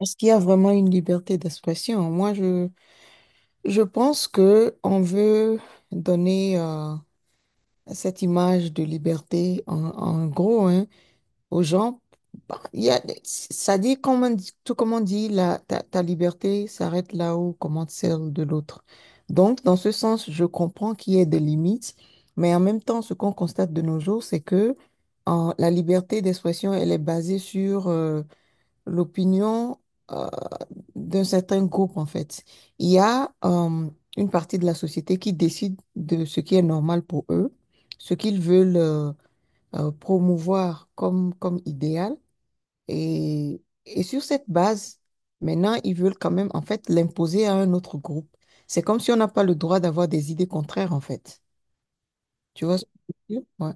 Est-ce qu'il y a vraiment une liberté d'expression? Je pense que on veut donner cette image de liberté en gros hein, aux gens. Bah, il y a, ça dit, comme on dit- tout comme on dit, ta liberté s'arrête là où commence celle de l'autre. Donc, dans ce sens, je comprends qu'il y ait des limites, mais en même temps, ce qu'on constate de nos jours, c'est que la liberté d'expression, elle est basée sur l'opinion. euh, D'un certain groupe, en fait. Il y a une partie de la société qui décide de ce qui est normal pour eux, ce qu'ils veulent promouvoir comme idéal. Et sur cette base, maintenant, ils veulent quand même, en fait, l'imposer à un autre groupe. C'est comme si on n'a pas le droit d'avoir des idées contraires, en fait. Tu vois ce que je veux dire? Ouais.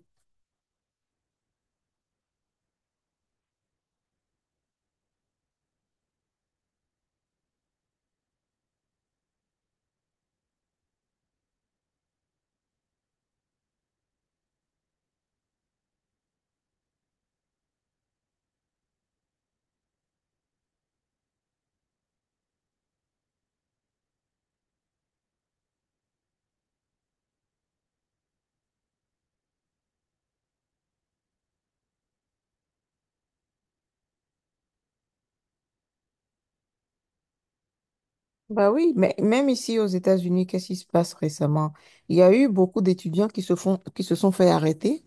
Mais même ici aux États-Unis, qu'est-ce qui se passe récemment? Il y a eu beaucoup d'étudiants qui se font, qui se sont fait arrêter,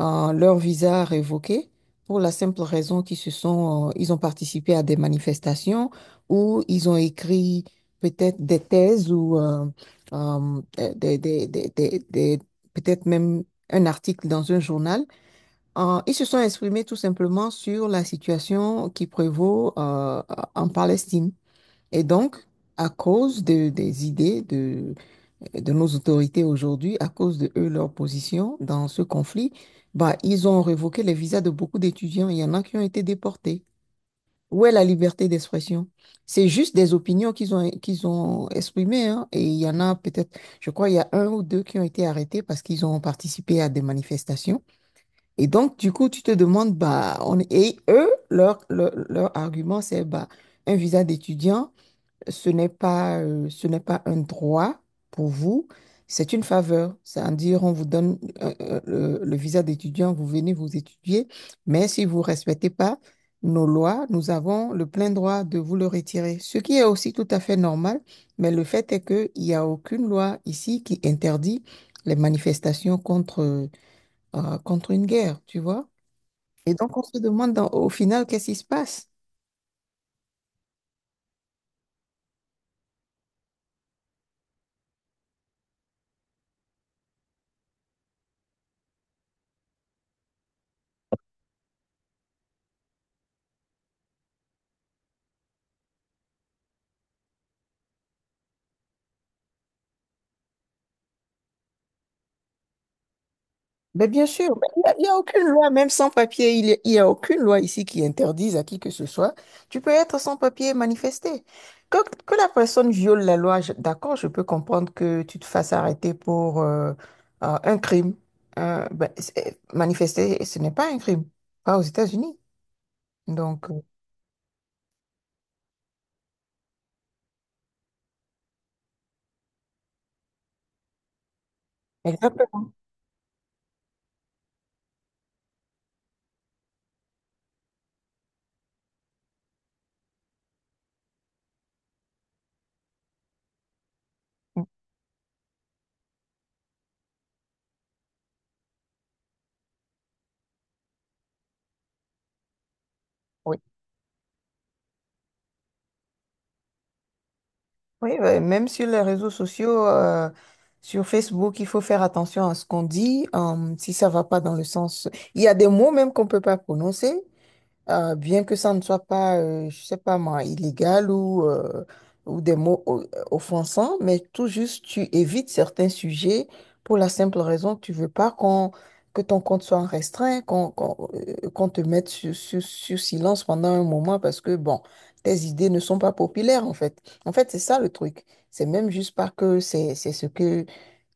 leur visa révoqué, pour la simple raison ils ont participé à des manifestations ou ils ont écrit peut-être des thèses ou euh, des, des, des, des, des- peut-être même un article dans un journal. Ils se sont exprimés tout simplement sur la situation qui prévaut en Palestine. Et donc, des idées de nos autorités aujourd'hui, à cause de eux, leur position dans ce conflit, bah, ils ont révoqué les visas de beaucoup d'étudiants. Il y en a qui ont été déportés. Où est la liberté d'expression? C'est juste des opinions qu'ils ont exprimées, hein. Et il y en a peut-être, je crois, il y a un ou deux qui ont été arrêtés parce qu'ils ont participé à des manifestations. Et donc, du coup, tu te demandes, bah, on, et eux, leur argument, c'est, bah, un visa d'étudiant ce n'est pas un droit pour vous, c'est une faveur. C'est-à-dire, on vous donne le visa d'étudiant, vous venez vous étudier, mais si vous ne respectez pas nos lois, nous avons le plein droit de vous le retirer, ce qui est aussi tout à fait normal, mais le fait est qu'il n'y a aucune loi ici qui interdit les manifestations contre, contre une guerre, tu vois. Et donc, on se demande au final qu'est-ce qui se passe. Mais bien sûr, mais il y a aucune loi, même sans papier, il y a aucune loi ici qui interdise à qui que ce soit. Tu peux être sans papier et manifester. Que, que la personne viole la loi, d'accord, je peux comprendre que tu te fasses arrêter pour un crime. Manifester, ce n'est pas un crime, pas aux États-Unis. Donc, exactement. Oui. Oui, ouais, même sur les réseaux sociaux, sur Facebook, il faut faire attention à ce qu'on dit, si ça va pas dans le sens. Il y a des mots même qu'on peut pas prononcer. Bien que ça ne soit pas, je sais pas moi, illégal ou des offensants, mais tout juste tu évites certains sujets pour la simple raison que tu veux pas qu'on, que ton compte soit restreint, qu'on te mette sur silence pendant un moment parce que, bon, tes idées ne sont pas populaires en fait. En fait, c'est ça le truc. C'est même juste pas que c'est ce que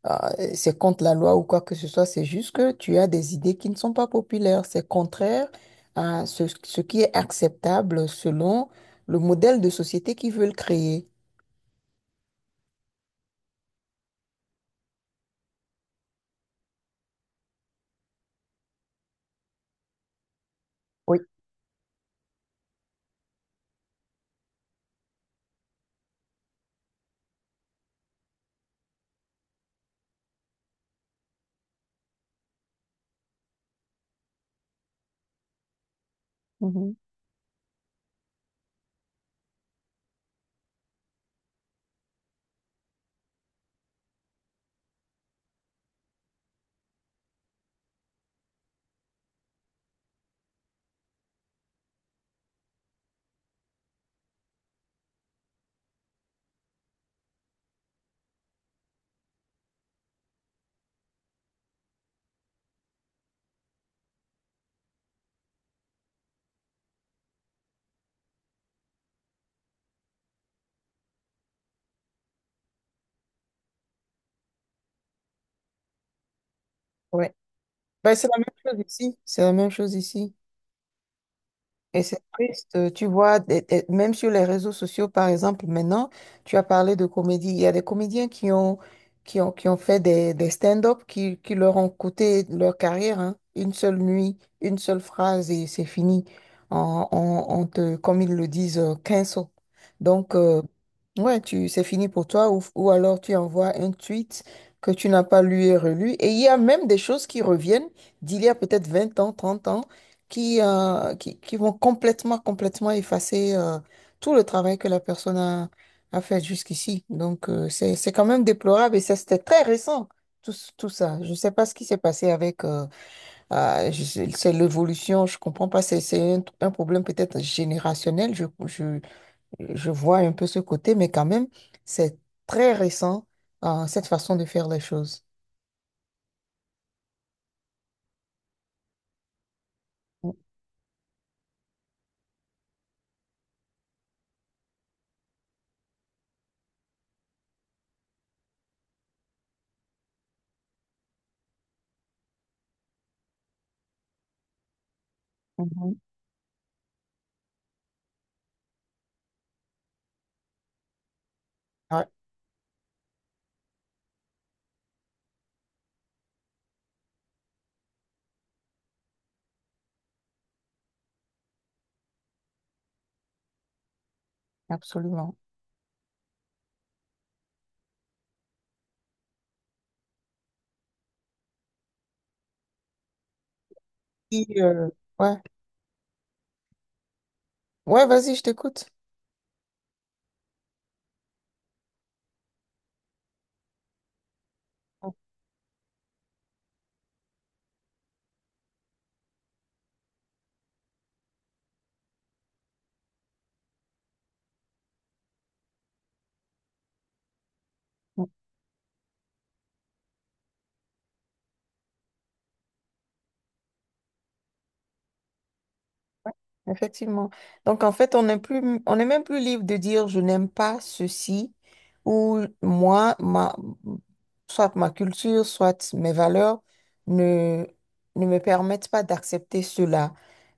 c'est contre la loi ou quoi que ce soit, c'est juste que tu as des idées qui ne sont pas populaires. C'est contraire à ce qui est acceptable selon le modèle de société qu'ils veulent créer. Oui. Mhm. Ouais. Ben, c'est la même chose ici. C'est la même chose ici. Et c'est triste, tu vois, même sur les réseaux sociaux, par exemple, maintenant, tu as parlé de comédie. Il y a des comédiens qui ont fait des stand-up qui leur ont coûté leur carrière, hein. Une seule nuit, une seule phrase et c'est fini. On te, comme ils le disent, cancel. Donc, ouais, tu, c'est fini pour toi ou alors tu envoies un tweet que tu n'as pas lu et relu. Et il y a même des choses qui reviennent d'il y a peut-être 20 ans, 30 ans qui vont complètement effacer tout le travail que la personne a fait jusqu'ici. Donc, c'est quand même déplorable et ça, c'était très récent, tout ça. Je ne sais pas ce qui s'est passé avec je sais- c'est l'évolution, je ne comprends pas, c'est, un problème peut-être générationnel, je vois un peu ce côté, mais quand même, c'est très récent, cette façon de faire les choses. Mhm. Ouais, absolument. Et, ouais, ouais, vas-y, je t'écoute. Effectivement. Donc, en fait, on n'est même plus libre de dire je n'aime pas ceci ou moi, soit ma culture, soit mes valeurs ne, ne me permettent pas d'accepter cela.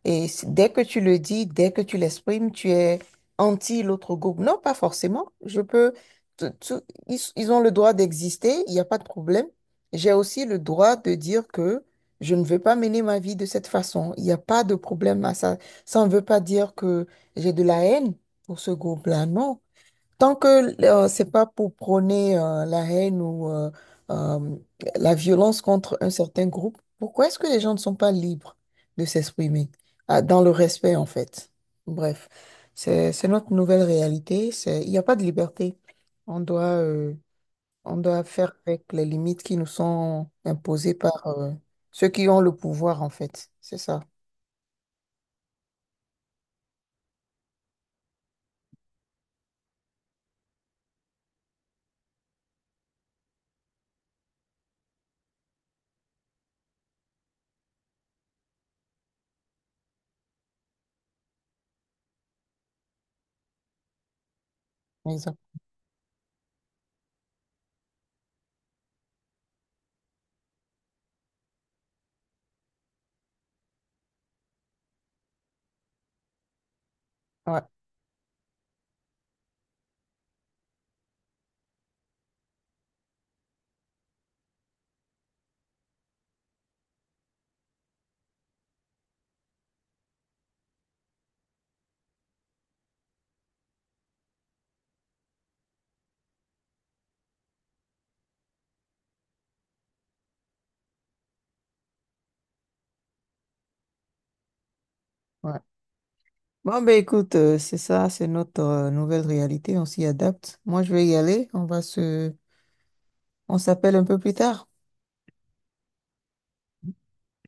Et dès que tu le dis, dès que tu l'exprimes, tu es anti l'autre groupe. Non, pas forcément. Je peux, tout- tout- ils ont le droit d'exister, il n'y a pas de problème. J'ai aussi le droit de dire que je ne veux pas mener ma vie de cette façon. Il n'y a pas de problème à ça. Ça ne veut pas dire que j'ai de la haine pour ce groupe-là, non. Tant que c'est pas pour prôner la haine ou euh, la violence contre un certain groupe, pourquoi est-ce que les gens ne sont pas libres de s'exprimer? Ah, dans le respect, en fait. Bref, c'est notre nouvelle réalité. C'est, il n'y a pas de liberté. On doit, euh, on doit faire avec les limites qui nous sont imposées par ceux qui ont le pouvoir, en fait. C'est ça. Exact. Ouais, ouais. Bon, ben écoute, c'est ça, c'est notre nouvelle réalité, on s'y adapte. Moi, je vais y aller, on va se... On s'appelle un peu plus tard.